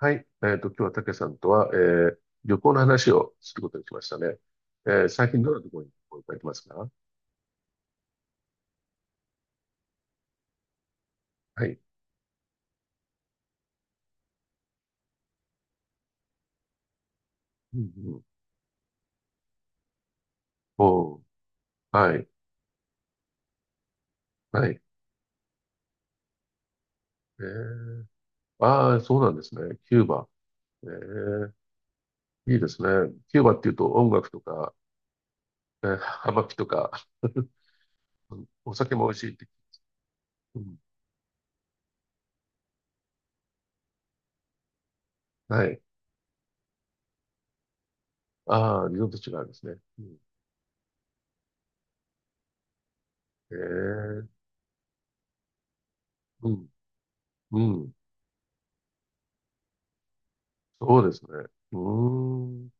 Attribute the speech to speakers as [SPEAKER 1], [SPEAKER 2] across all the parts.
[SPEAKER 1] はい。今日はたけさんとは、旅行の話をすることにしましたね。最近どんなところに行かれてますか？はい。うんうん。おー。はい。はい。えー、ああ、そうなんですね。キューバ。えー、いいですね。キューバっていうと音楽とか、えー、葉巻とか、うん、お酒も美味しいって。うん、はい。ああ、リゾート地があるんですね。うん、えー、うん、うん。そうですね。うーん。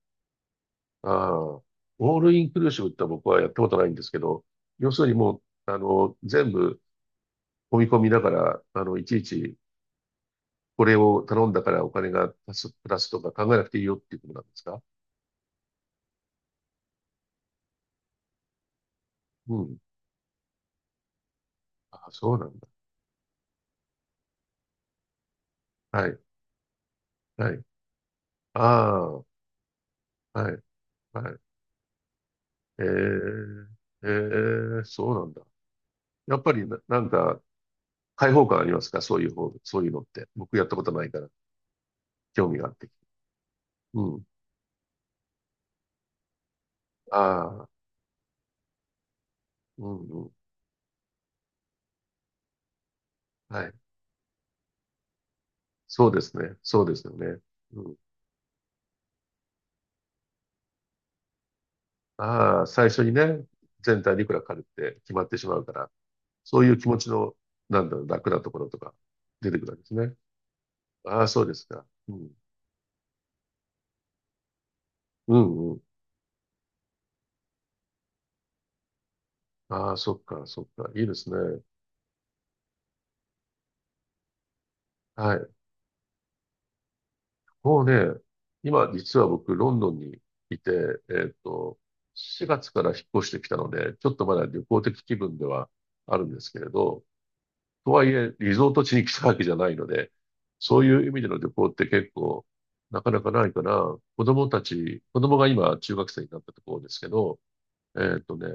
[SPEAKER 1] ああ、オールインクルーシブって僕はやったことないんですけど、要するにもう、全部込み込みだから、いちいちこれを頼んだからお金が足す、プラスとか考えなくていいよっていうことなんですか？うん。あ、そうなんだ。はい、はい。ああ、はい、はい。ええ、ええ、そうなんだ。やっぱり、なんか、開放感ありますか、そういう方、そういうのって。僕やったことないから、興味があって。うん。ああ、うん、うん。はい。そうですね。そうですよね。うん。ああ、最初にね、全体にいくらかかるって決まってしまうから、そういう気持ちの、なんだろう、楽なところとか出てくるわけですね。ああ、そうですか。うん。うんうん。ああ、そっか、そっか。いいですね。はい。もうね、今、実は僕、ロンドンにいて、えっと、4月から引っ越してきたので、ちょっとまだ旅行的気分ではあるんですけれど、とはいえ、リゾート地に来たわけじゃないので、そういう意味での旅行って結構、なかなかないから、子供が今中学生になったところですけど、えーっとね、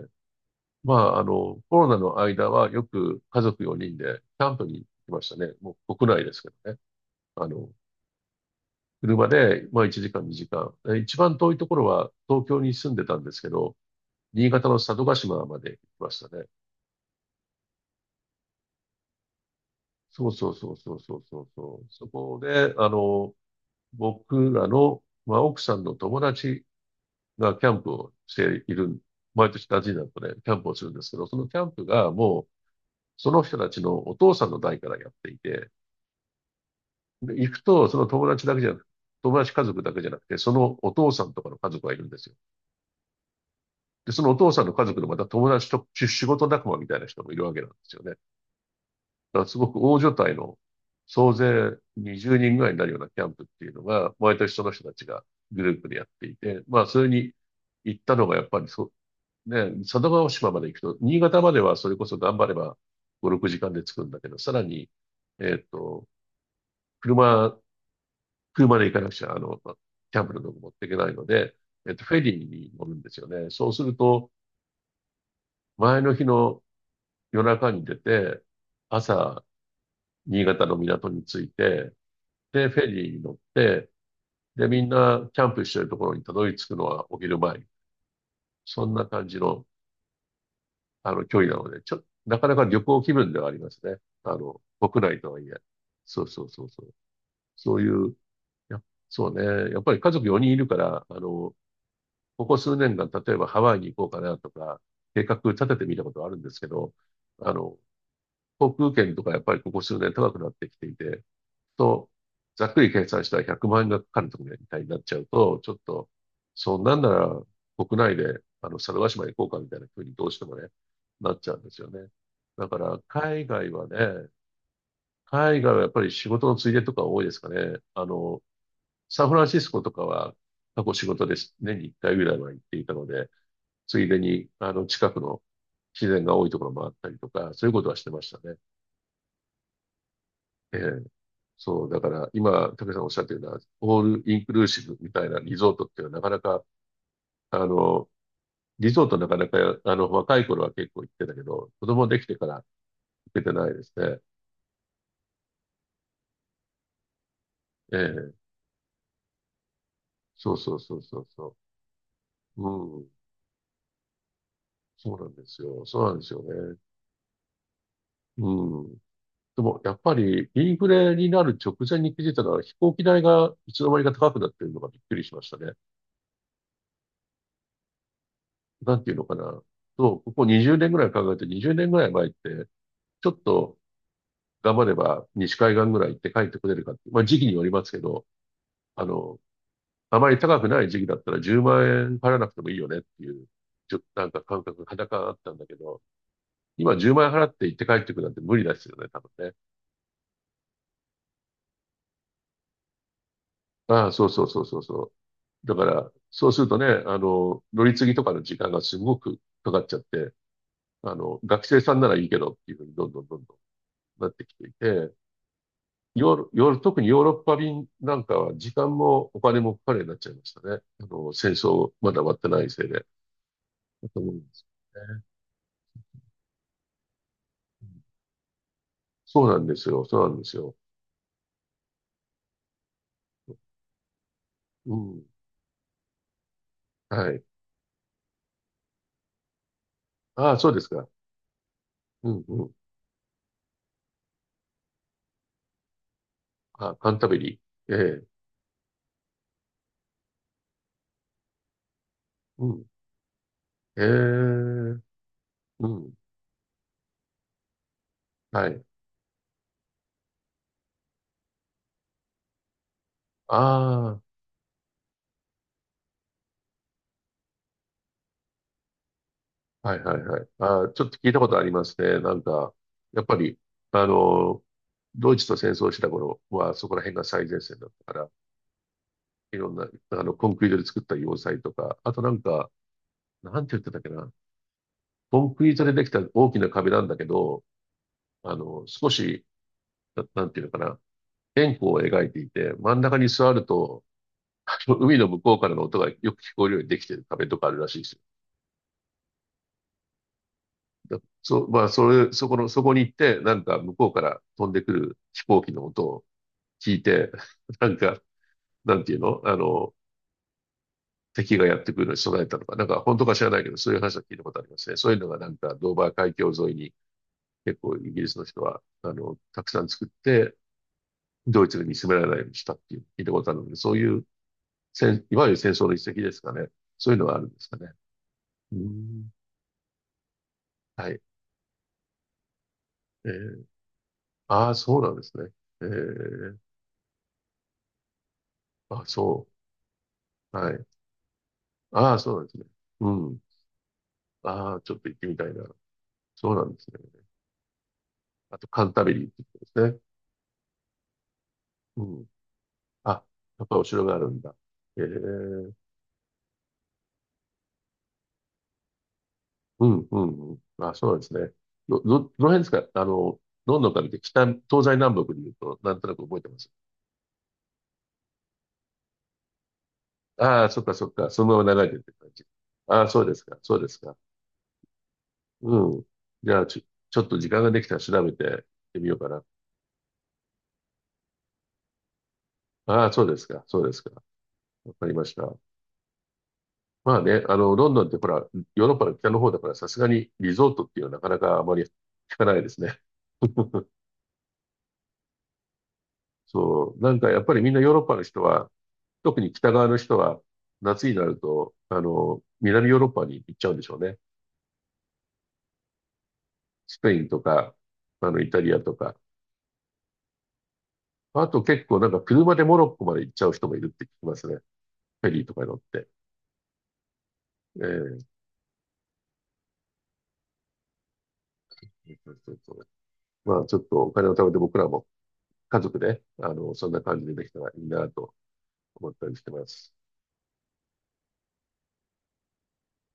[SPEAKER 1] まあ、コロナの間はよく家族4人でキャンプに行きましたね。もう国内ですけどね。あの、車で、まあ1時間2時間。え、一番遠いところは東京に住んでたんですけど、新潟の佐渡島まで行きましたね。そうそうそうそうそうそうそう。そこで、僕らの、まあ、奥さんの友達がキャンプをしている、毎年ダジナ湖でキャンプをするんですけど、そのキャンプがもう、その人たちのお父さんの代からやっていて、で行くと、友達家族だけじゃなくて、そのお父さんとかの家族がいるんですよ。で、そのお父さんの家族のまた友達と仕事仲間みたいな人もいるわけなんですよね。だからすごく大所帯の総勢20人ぐらいになるようなキャンプっていうのが、毎年その人たちがグループでやっていて、まあ、それに行ったのがやっぱり佐渡島まで行くと、新潟まではそれこそ頑張れば5、6時間で着くんだけど、さらに、えっと、車、車で行かなくちゃ、キャンプの道具持っていけないので、フェリーに乗るんですよね。そうすると、前の日の夜中に出て、朝、新潟の港に着いて、で、フェリーに乗って、で、みんなキャンプしてるところにたどり着くのはお昼前。そんな感じの、距離なので、なかなか旅行気分ではありますね。あの、国内とはいえ。そうそうそうそう。そういう、や、そうね。やっぱり家族4人いるから、ここ数年間、例えばハワイに行こうかなとか、計画立ててみたことはあるんですけど、あの、航空券とかやっぱりここ数年高くなってきていて、と、ざっくり計算したら100万円がかかるとかみたいになっちゃうと、ちょっと、そんなんなら国内で、猿ヶ島行こうかみたいな風にどうしてもね、なっちゃうんですよね。だから、海外はね、海外はやっぱり仕事のついでとか多いですかね。サンフランシスコとかは過去仕事です。年に1回ぐらいは行っていたので、ついでに、近くの自然が多いところもあったりとか、そういうことはしてましたね。ええ。そう、だから今、武さんおっしゃってるのは、オールインクルーシブみたいなリゾートっていうのはなかなか、あの、リゾートなかなか、あの、若い頃は結構行ってたけど、子供できてから行けてないですね。ええ、そうそうそうそうそう。うん、そうなんですよ。そうなんですよね。うん。でも、やっぱり、インフレになる直前に気づいたのは、飛行機代がいつの間にか高くなってるのがびっくりしましたね。なんていうのかな。そう、ここ20年ぐらい考えて、20年ぐらい前って、ちょっと頑張れば西海岸ぐらい行って帰ってこれるかって、まあ時期によりますけど、あの、あまり高くない時期だったら10万円払わなくてもいいよねっていう、ちょっとなんか感覚、裸があったんだけど、今10万円払って行って帰ってくるなんて無理ですよね、多分ね。ああ、そうそうそうそうそう。だから、そうするとね、乗り継ぎとかの時間がすごくかかっちゃって、学生さんならいいけどっていうふうにどんどんどんどんなってきていて、ヨーロ、ヨーロ、特にヨーロッパ便なんかは時間もお金もかかるようになっちゃいましたね。戦争まだ終わってないせいで。だと思うんですよね。うん、そうなんですよ。そうなんですよ。うん。はい。ああ、そうですか。うんうん。あ、カンタベリー。ええ。うん。ええ。うん。はい。ああ、はいはいはい。ああ、ちょっと聞いたことありますね。なんか、やっぱり、あの、ドイツと戦争した頃は、そこら辺が最前線だったから、いろんな、コンクリートで作った要塞とか、あとなんか、なんて言ってたっけな。コンクリートでできた大きな壁なんだけど、あの、少し、な、なんていうのかな。円弧を描いていて、真ん中に座ると、あの海の向こうからの音がよく聞こえるようにできてる壁とかあるらしいですよ。まあ、それ、そこの、そこに行って、なんか向こうから飛んでくる飛行機の音を聞いて、なんか、なんていうのあの、敵がやってくるのに備えたのか、なんか本当か知らないけど、そういう話は聞いたことありますね。そういうのがなんか、ドーバー海峡沿いに結構イギリスの人は、たくさん作って、ドイツに見つめられないようにしたっていう聞いたことあるので、そういういわゆる戦争の一石ですかね。そういうのはあるんですかね。うーん。はい。えー、ああ、そうなんですね。えー、あ、そう。はい。ああ、そうなんですね。うん。ああ、ちょっと行ってみたいな。そうなんですね。あと、カンタベリーってことですね。うん。あ、やっぱりお城があるんだ。えー、うん、うん、うん。あ、そうですね。どの辺ですか、ロンドンから見て、北、東西南北で言うと、なんとなく覚えてます？ああ、そっかそっか。そのまま流れてるって感じ。ああ、そうですか。そうですか。うん。じゃあ、ちょ、ちょっと時間ができたら調べて行ってみようかな。ああ、そうですか。そうですか。わかりました。まあね、ロンドンってほら、ヨーロッパの北の方だから、さすがにリゾートっていうのはなかなかあまり聞かないですね。そう。なんかやっぱりみんなヨーロッパの人は、特に北側の人は夏になると、南ヨーロッパに行っちゃうんでしょうね。スペインとか、イタリアとか。あと結構なんか車でモロッコまで行っちゃう人もいるって聞きますね。フェリーとかに乗って。ええ、そうそうそう。まあちょっとお金を貯めて僕らも家族で、そんな感じでできたらいいなと思ったりしてます。